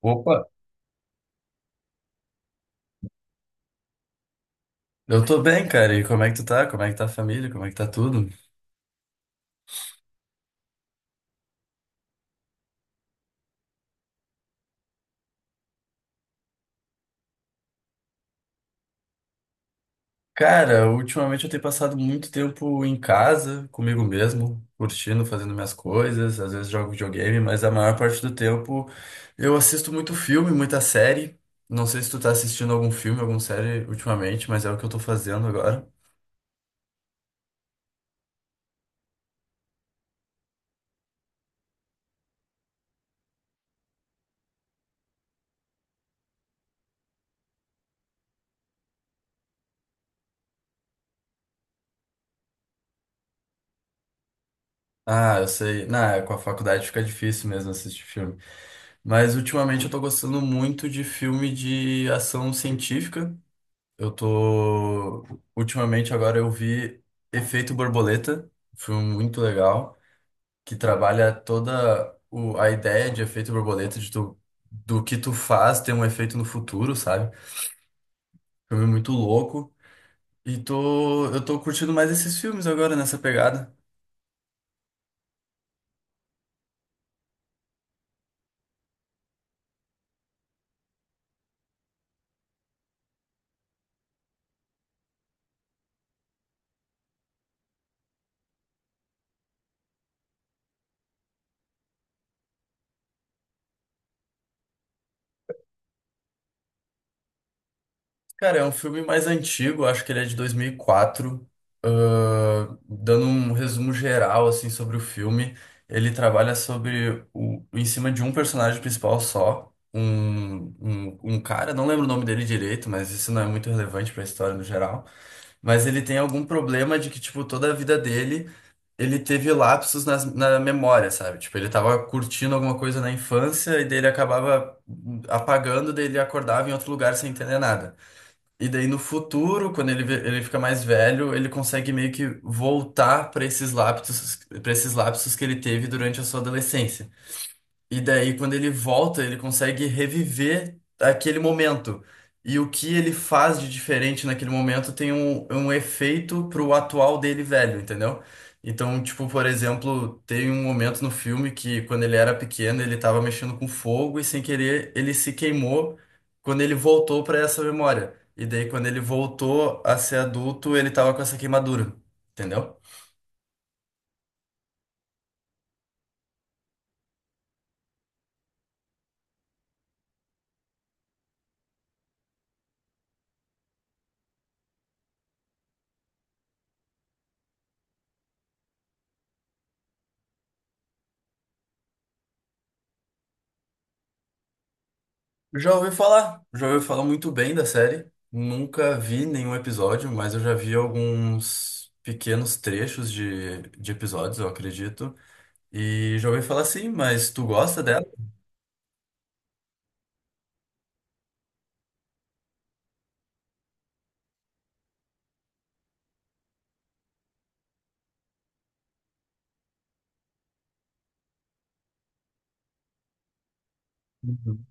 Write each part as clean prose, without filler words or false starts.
Opa, eu tô bem, cara. E como é que tu tá? Como é que tá a família? Como é que tá tudo? Cara, ultimamente eu tenho passado muito tempo em casa, comigo mesmo, curtindo, fazendo minhas coisas, às vezes jogo videogame, mas a maior parte do tempo eu assisto muito filme, muita série. Não sei se tu tá assistindo algum filme, alguma série ultimamente, mas é o que eu tô fazendo agora. Ah, eu sei. Na, com a faculdade fica difícil mesmo assistir filme. Mas ultimamente eu tô gostando muito de filme de ação científica. Eu tô. Ultimamente agora eu vi Efeito Borboleta, um filme muito legal, que trabalha toda a ideia de efeito borboleta, de tu... do que tu faz ter um efeito no futuro, sabe? Filme muito louco. E eu tô curtindo mais esses filmes agora nessa pegada. Cara, é um filme mais antigo, acho que ele é de 2004. Dando um resumo geral assim sobre o filme, ele trabalha sobre em cima de um personagem principal só, um cara, não lembro o nome dele direito, mas isso não é muito relevante para a história no geral. Mas ele tem algum problema de que, tipo, toda a vida dele, ele teve lapsos na memória, sabe? Tipo, ele tava curtindo alguma coisa na infância e daí ele acabava apagando, daí ele acordava em outro lugar sem entender nada. E daí no futuro, ele fica mais velho, ele consegue meio que voltar para esses lapsos que ele teve durante a sua adolescência. E daí, quando ele volta, ele consegue reviver aquele momento. E o que ele faz de diferente naquele momento tem um efeito pro atual dele velho, entendeu? Então, tipo, por exemplo, tem um momento no filme que quando ele era pequeno, ele tava mexendo com fogo e sem querer ele se queimou quando ele voltou para essa memória. E daí, quando ele voltou a ser adulto, ele tava com essa queimadura, entendeu? Já ouvi falar muito bem da série. Nunca vi nenhum episódio, mas eu já vi alguns pequenos trechos de episódios, eu acredito. E já ouvi falar sim, mas tu gosta dela? Uhum.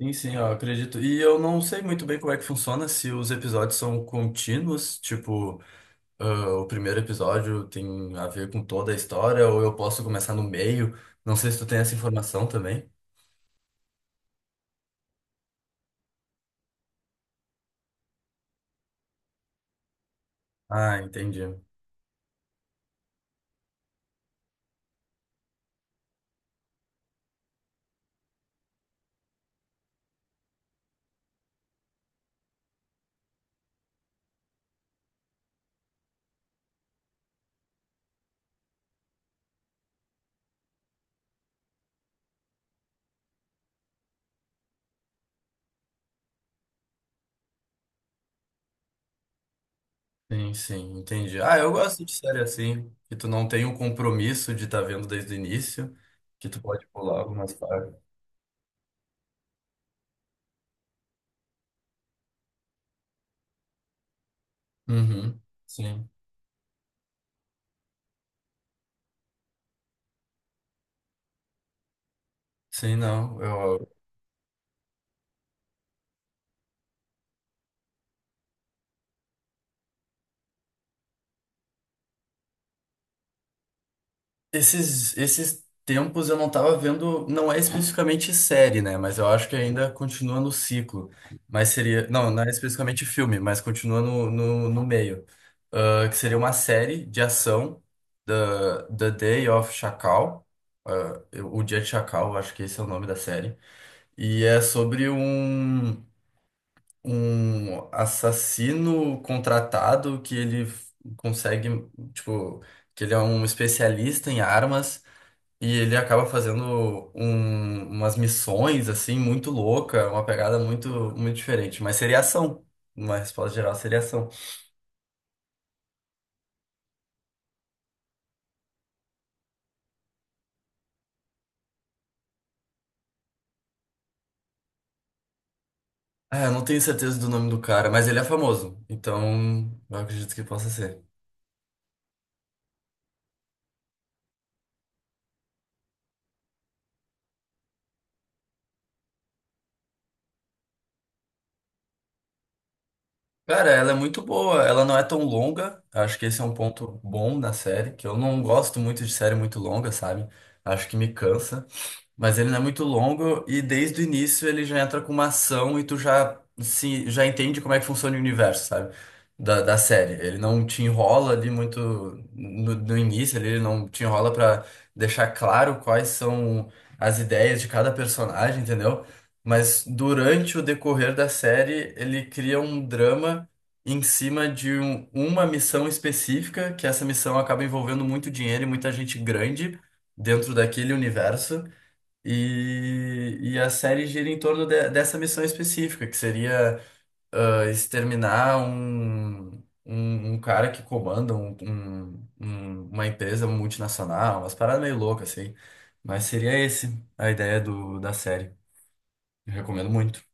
Sim, sim, eu acredito. E eu não sei muito bem como é que funciona, se os episódios são contínuos, tipo, ah, o primeiro episódio tem a ver com toda a história, ou eu posso começar no meio. Não sei se tu tem essa informação também. Ah, entendi. Sim, sim, entendi. Ah, eu gosto de série assim, que tu não tem o compromisso de estar vendo desde o início, que tu pode pular algumas partes. Uhum, sim. Sim, não. Eu... Esses tempos eu não tava vendo, não é especificamente série, né? Mas eu acho que ainda continua no ciclo. Mas seria. Não, não é especificamente filme, mas continua no meio. Ah, que seria uma série de ação, The, The Day of Chacal. Ah, o Dia de Chacal, eu acho que esse é o nome da série. E é sobre um, um assassino contratado consegue, tipo, que ele é um especialista em armas e ele acaba fazendo umas missões, assim, muito louca, uma pegada muito, muito diferente. Mas seria ação. Uma resposta geral seria ação. Ah, eu não tenho certeza do nome do cara, mas ele é famoso. Então, eu acredito que possa ser. Cara, ela é muito boa, ela não é tão longa. Acho que esse é um ponto bom da série, que eu não gosto muito de série muito longa, sabe? Acho que me cansa. Mas ele não é muito longo e desde o início ele já entra com uma ação e tu já se já entende como é que funciona o universo, sabe? Da série. Ele não te enrola ali muito no início, ali, ele não te enrola pra deixar claro quais são as ideias de cada personagem, entendeu? Mas durante o decorrer da série, ele cria um drama em cima de uma missão específica, que essa missão acaba envolvendo muito dinheiro e muita gente grande dentro daquele universo. E a série gira em torno dessa missão específica, que seria exterminar um cara que comanda uma empresa multinacional, umas paradas meio loucas, assim. Mas seria esse a ideia da série. Eu recomendo muito.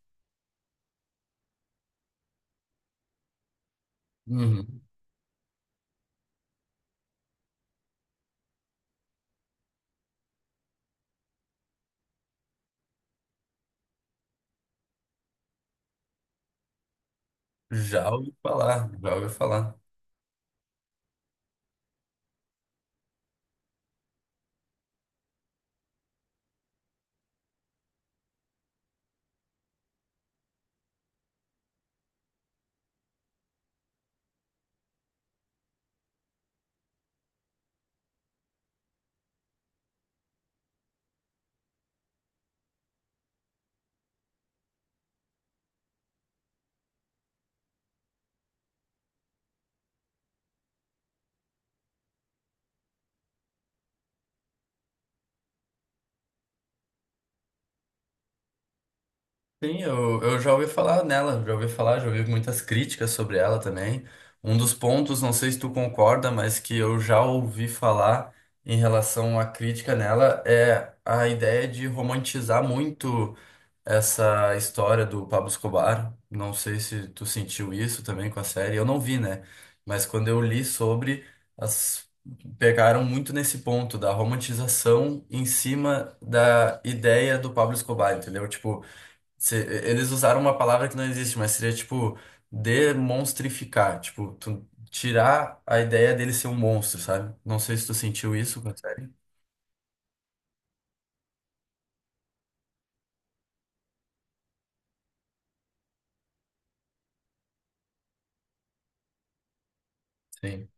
Uhum. Já ouvi falar, já ouvi falar. Sim, eu já ouvi falar nela, já ouvi falar, já ouvi muitas críticas sobre ela também. Um dos pontos, não sei se tu concorda, mas que eu já ouvi falar em relação à crítica nela é a ideia de romantizar muito essa história do Pablo Escobar. Não sei se tu sentiu isso também com a série, eu não vi, né? Mas quando eu li sobre, as pegaram muito nesse ponto da romantização em cima da ideia do Pablo Escobar, entendeu? Tipo, se- eles usaram uma palavra que não existe, mas seria tipo demonstrificar, tipo, tu tirar a ideia dele ser um monstro, sabe? Não sei se tu sentiu isso com a série. Sim.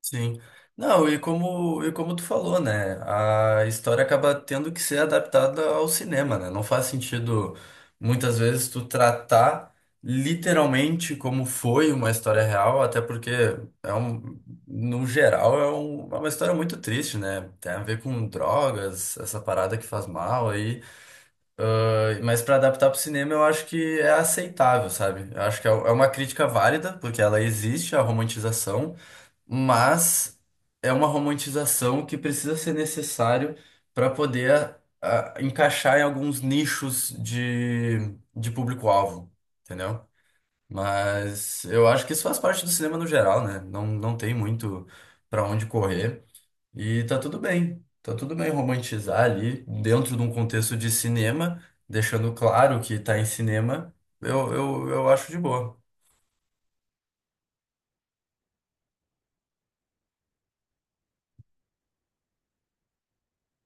Sim. Não, e como tu falou, né? A história acaba tendo que ser adaptada ao cinema, né? Não faz sentido, muitas vezes, tu tratar literalmente como foi uma história real, até porque é um, no geral é, é uma história muito triste, né? Tem a ver com drogas, essa parada que faz mal aí. Mas para adaptar pro cinema eu acho que é aceitável, sabe? Eu acho que é uma crítica válida, porque ela existe, a romantização mas é uma romantização que precisa ser necessário para poder encaixar em alguns nichos de público-alvo, entendeu? Mas eu acho que isso faz parte do cinema no geral, né? Não, não tem muito para onde correr e tá tudo bem. Tá tudo bem romantizar ali dentro de um contexto de cinema, deixando claro que tá em cinema, eu acho de boa.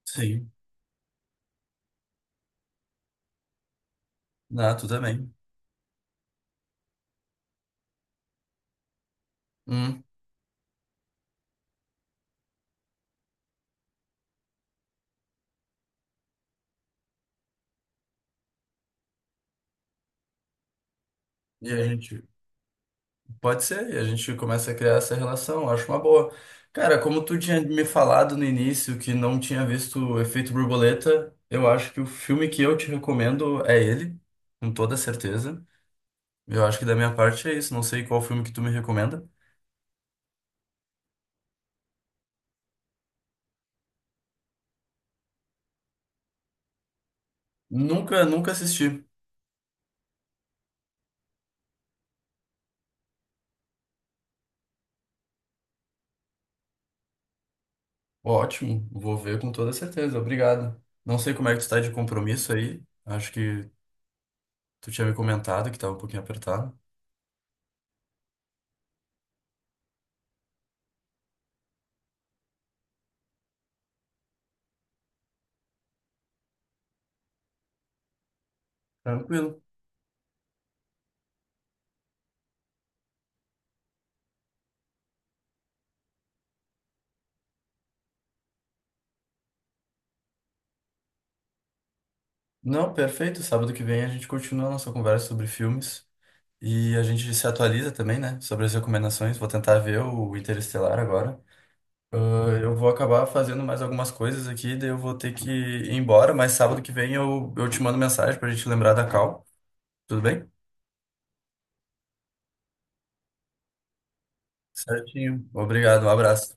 Sim. Ah, tu também. Hum. E a gente. Pode ser, e a gente começa a criar essa relação, eu acho uma boa. Cara, como tu tinha me falado no início que não tinha visto o Efeito Borboleta, eu acho que o filme que eu te recomendo é ele, com toda certeza. Eu acho que da minha parte é isso, não sei qual filme que tu me recomenda. Nunca, nunca assisti. Ótimo, vou ver com toda certeza, obrigado. Não sei como é que tu tá de compromisso aí, acho que tu tinha me comentado que tava um pouquinho apertado. Tranquilo. Não, perfeito, sábado que vem a gente continua a nossa conversa sobre filmes. E a gente se atualiza também, né? Sobre as recomendações. Vou tentar ver o Interestelar agora. Ah, eu vou acabar fazendo mais algumas coisas aqui, daí eu vou ter que ir embora, mas sábado que vem eu te mando mensagem pra gente lembrar da call. Tudo bem? Certinho. Obrigado, um abraço.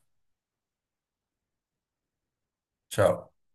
Tchau.